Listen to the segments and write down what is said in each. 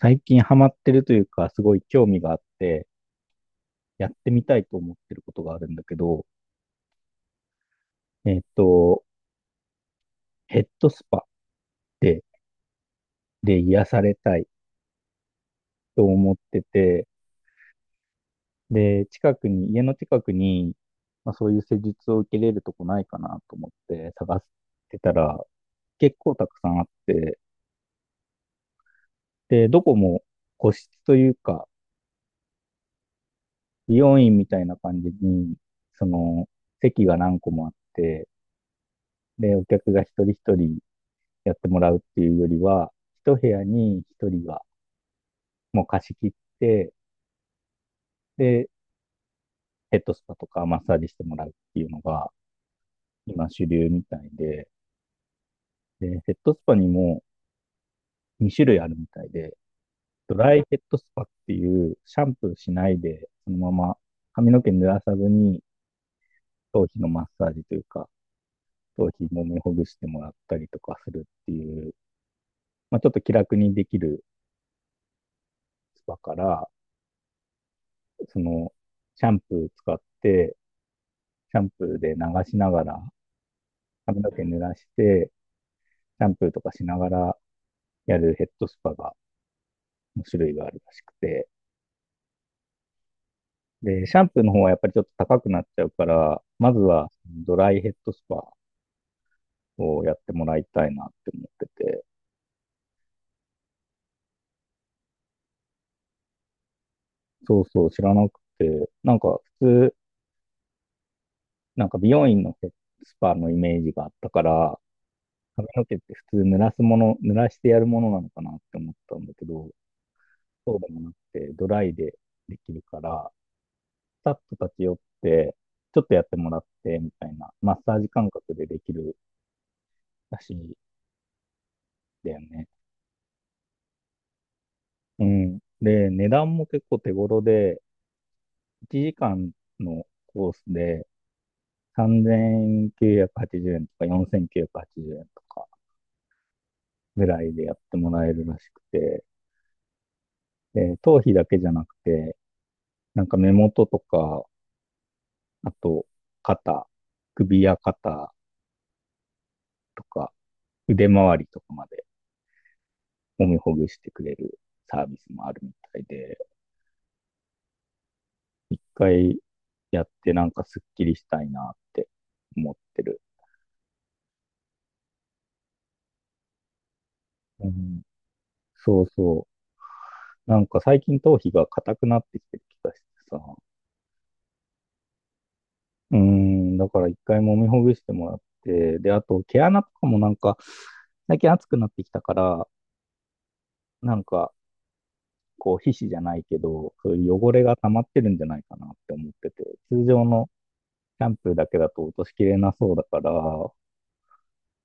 最近ハマってるというか、すごい興味があって、やってみたいと思ってることがあるんだけど、えっと、ヘッドスパで、癒されたいと思ってて、で、近くに、家の近くに、まあ、そういう施術を受けれるとこないかなと思って探してたら、結構たくさんあって、で、どこも個室というか、美容院みたいな感じに、その、席が何個もあって、で、お客が一人一人やってもらうっていうよりは、一部屋に一人がもう貸し切って、で、ヘッドスパとかマッサージしてもらうっていうのが今主流みたいで、で、ヘッドスパにも2種類あるみたいで、ドライヘッドスパっていうシャンプーしないで、そのまま髪の毛濡らさずに頭皮のマッサージというか、頭皮もみほぐしてもらったりとかするっていう、まあ、ちょっと気楽にできるスパから、そのシャンプー使って、シャンプーで流しながら髪の毛濡らして、シャンプーとかしながらやるヘッドスパが、の種類があるらしくて、で、シャンプーの方はやっぱりちょっと高くなっちゃうから、まずはドライヘッドスパをやってもらいたいなって思ってて、そうそう、知らなくて、なんか普通、なんか美容院のヘッドスパのイメージがあったから、髪の毛って普通濡らすもの、濡らしてやるものなのかなって思ったんだけど、そうでもなくて、ドライでできるから、スタッフ立ち寄って、ちょっとやってもらって、みたいな、マッサージ感覚でできるらしいんだよね。うん。で、値段も結構手頃で、1時間のコースで3980円とか4980円とかぐらいでやってもらえるらしくて、で、頭皮だけじゃなくて、なんか目元とか、あと肩、首や肩とか腕周りとかまで揉みほぐしてくれるサービスもあるみたいで、一回やってなんかスッキリしたいなって思ってる。うん、そうそう。なんか最近頭皮が硬くなってきてる気がしてさ。うん、だから一回揉みほぐしてもらって、で、あと毛穴とかもなんか、最近暑くなってきたから、なんか、こう皮脂じゃないけど、そういう汚れが溜まってるんじゃないかなって思ってて、通常のシャンプーだけだと落としきれなそうだから、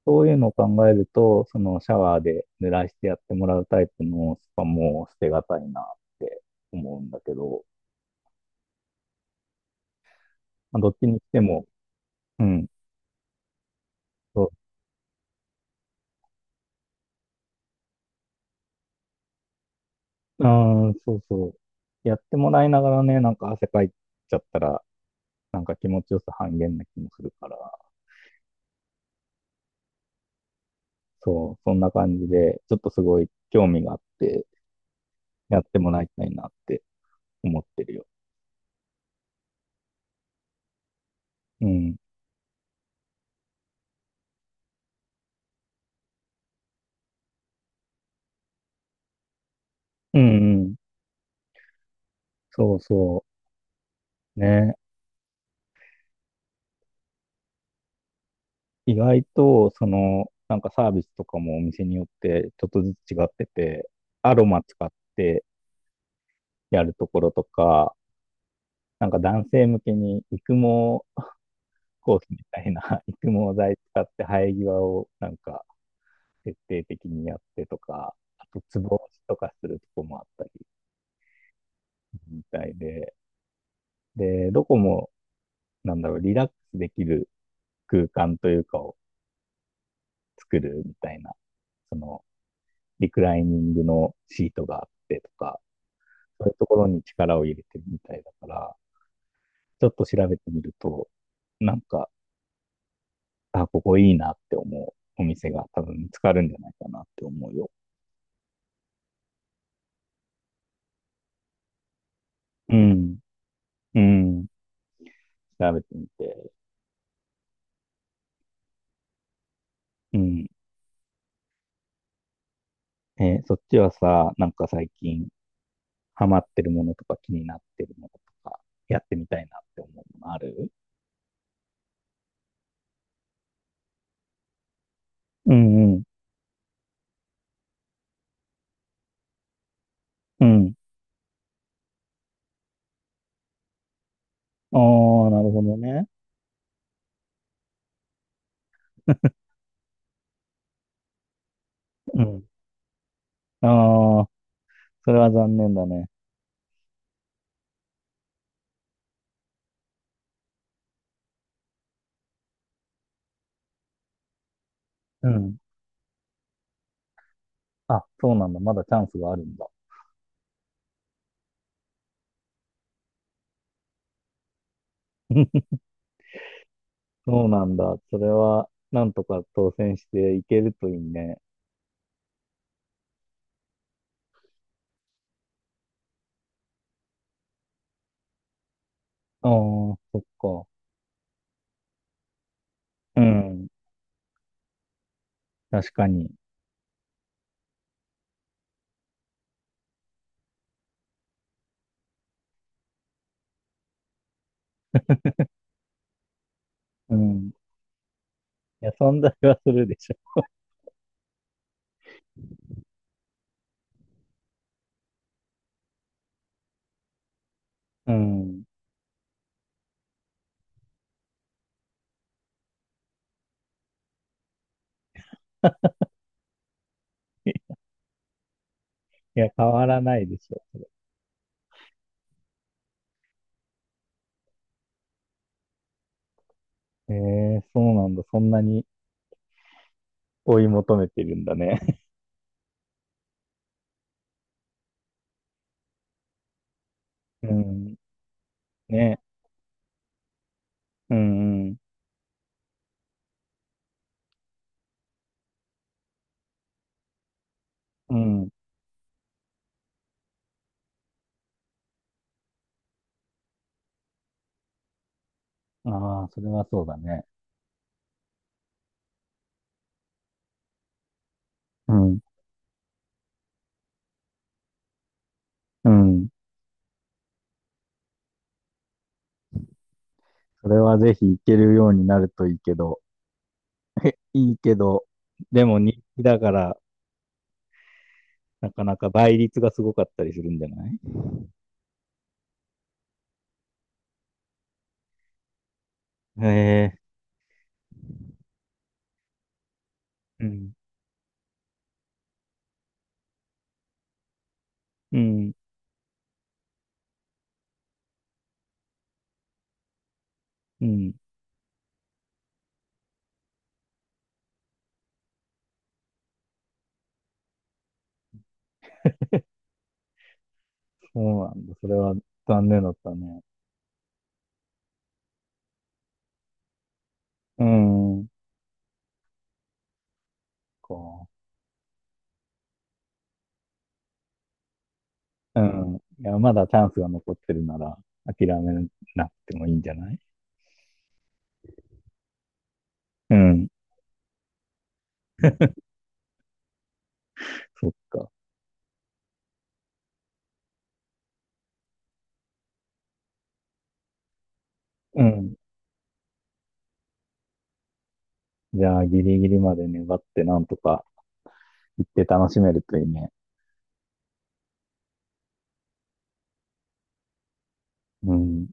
そういうのを考えると、そのシャワーで濡らしてやってもらうタイプのスパも捨てがたいなって思うんだけど、まあ、どっちにしても、うん、そう、あーそうそう。やってもらいながらね、なんか汗かいちゃったら、なんか気持ちよさ半減な気もするから、そう、そんな感じで、ちょっとすごい興味があって、やってもらいたいなって思ってるよ。うん。うんうん。そうそう。ね。意外と、その、なんかサービスとかもお店によってちょっとずつ違ってて、アロマ使ってやるところとか、なんか男性向けに育毛コースみたいな 育毛剤使って生え際をなんか徹底的にやってとか、あとツボ押しとかするとこもあったりみたいで、で、どこもなんだろう、リラックスできる空間というかを作るみたいな、そのリクライニングのシートがあってとか、そういうところに力を入れてるみたいだから、ちょっと調べてみると、なんか、あ、ここいいなって思うお店が多分見つかるんじゃないかなって思うよ。うん。うん。調べてみて。うん。えーそっちはさ、なんか最近ハマってるものとか気になってるものとか、やってみたいなって思うものある？うんうん。うん。ああ、なるほどね。うん。ああ、それは残念だね。うん。あ、そうなんだ。まだチャンスがあるんだ。そうなんだ。それは、なんとか当選していけるといいね。ああ、そっか。うん。確かに。うん。いや、存在はするでしょ。うん。いや、変わらないでしょ。ええそうなんだ。そんなに追い求めてるんだね。うん。ね。うん、うん。うん。ああ、それはそうだね。うん。うん。それはぜひ行けるようになるといいけど。いいけど、でも人気だから、なかなか倍率がすごかったりするんじゃない？へえ。うん。うん。うん。そうなんだ。それは残念だったね。うん。こううん。いや、まだチャンスが残ってるなら、諦めなくてもいいんじゃない？うん。そっか。うん。じゃあ、ギリギリまで粘って、なんとか行って楽しめるといいね。うん。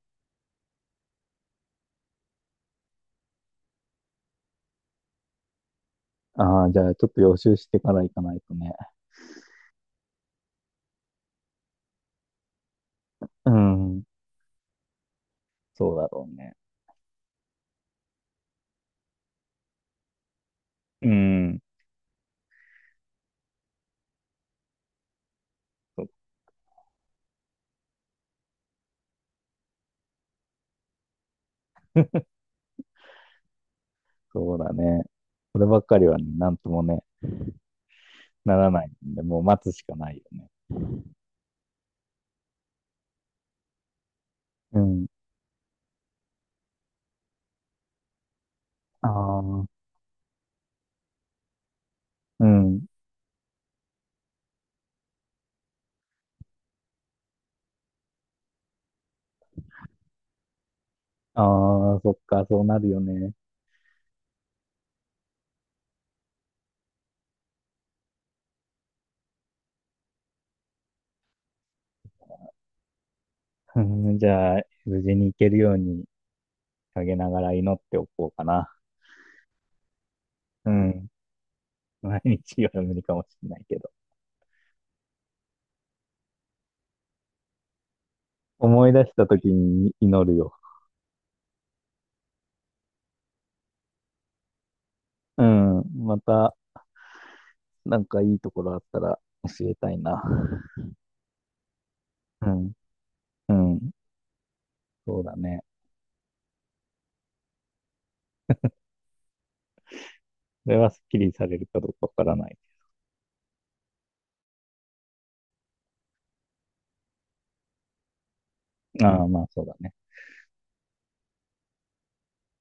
ああ、じゃあ、ちょっと予習してから行かないとね。うん。そうだろうね。うん。そそうだね。こればっかりはね、なんともね、ならないんで、もう待つしかないよね。うん。ああ、うん。ああ、そっか、そうなるよね。うん、じゃあ、無事に行けるように陰ながら祈っておこうかな。うん。毎日は無理かもしれないけど。思い出した時に祈るよ。うん。また、なんかいいところあったら教えたいな。うん。うん。そうだね。それはスッキリされるかどうかわからない。ああ、まあそうだね。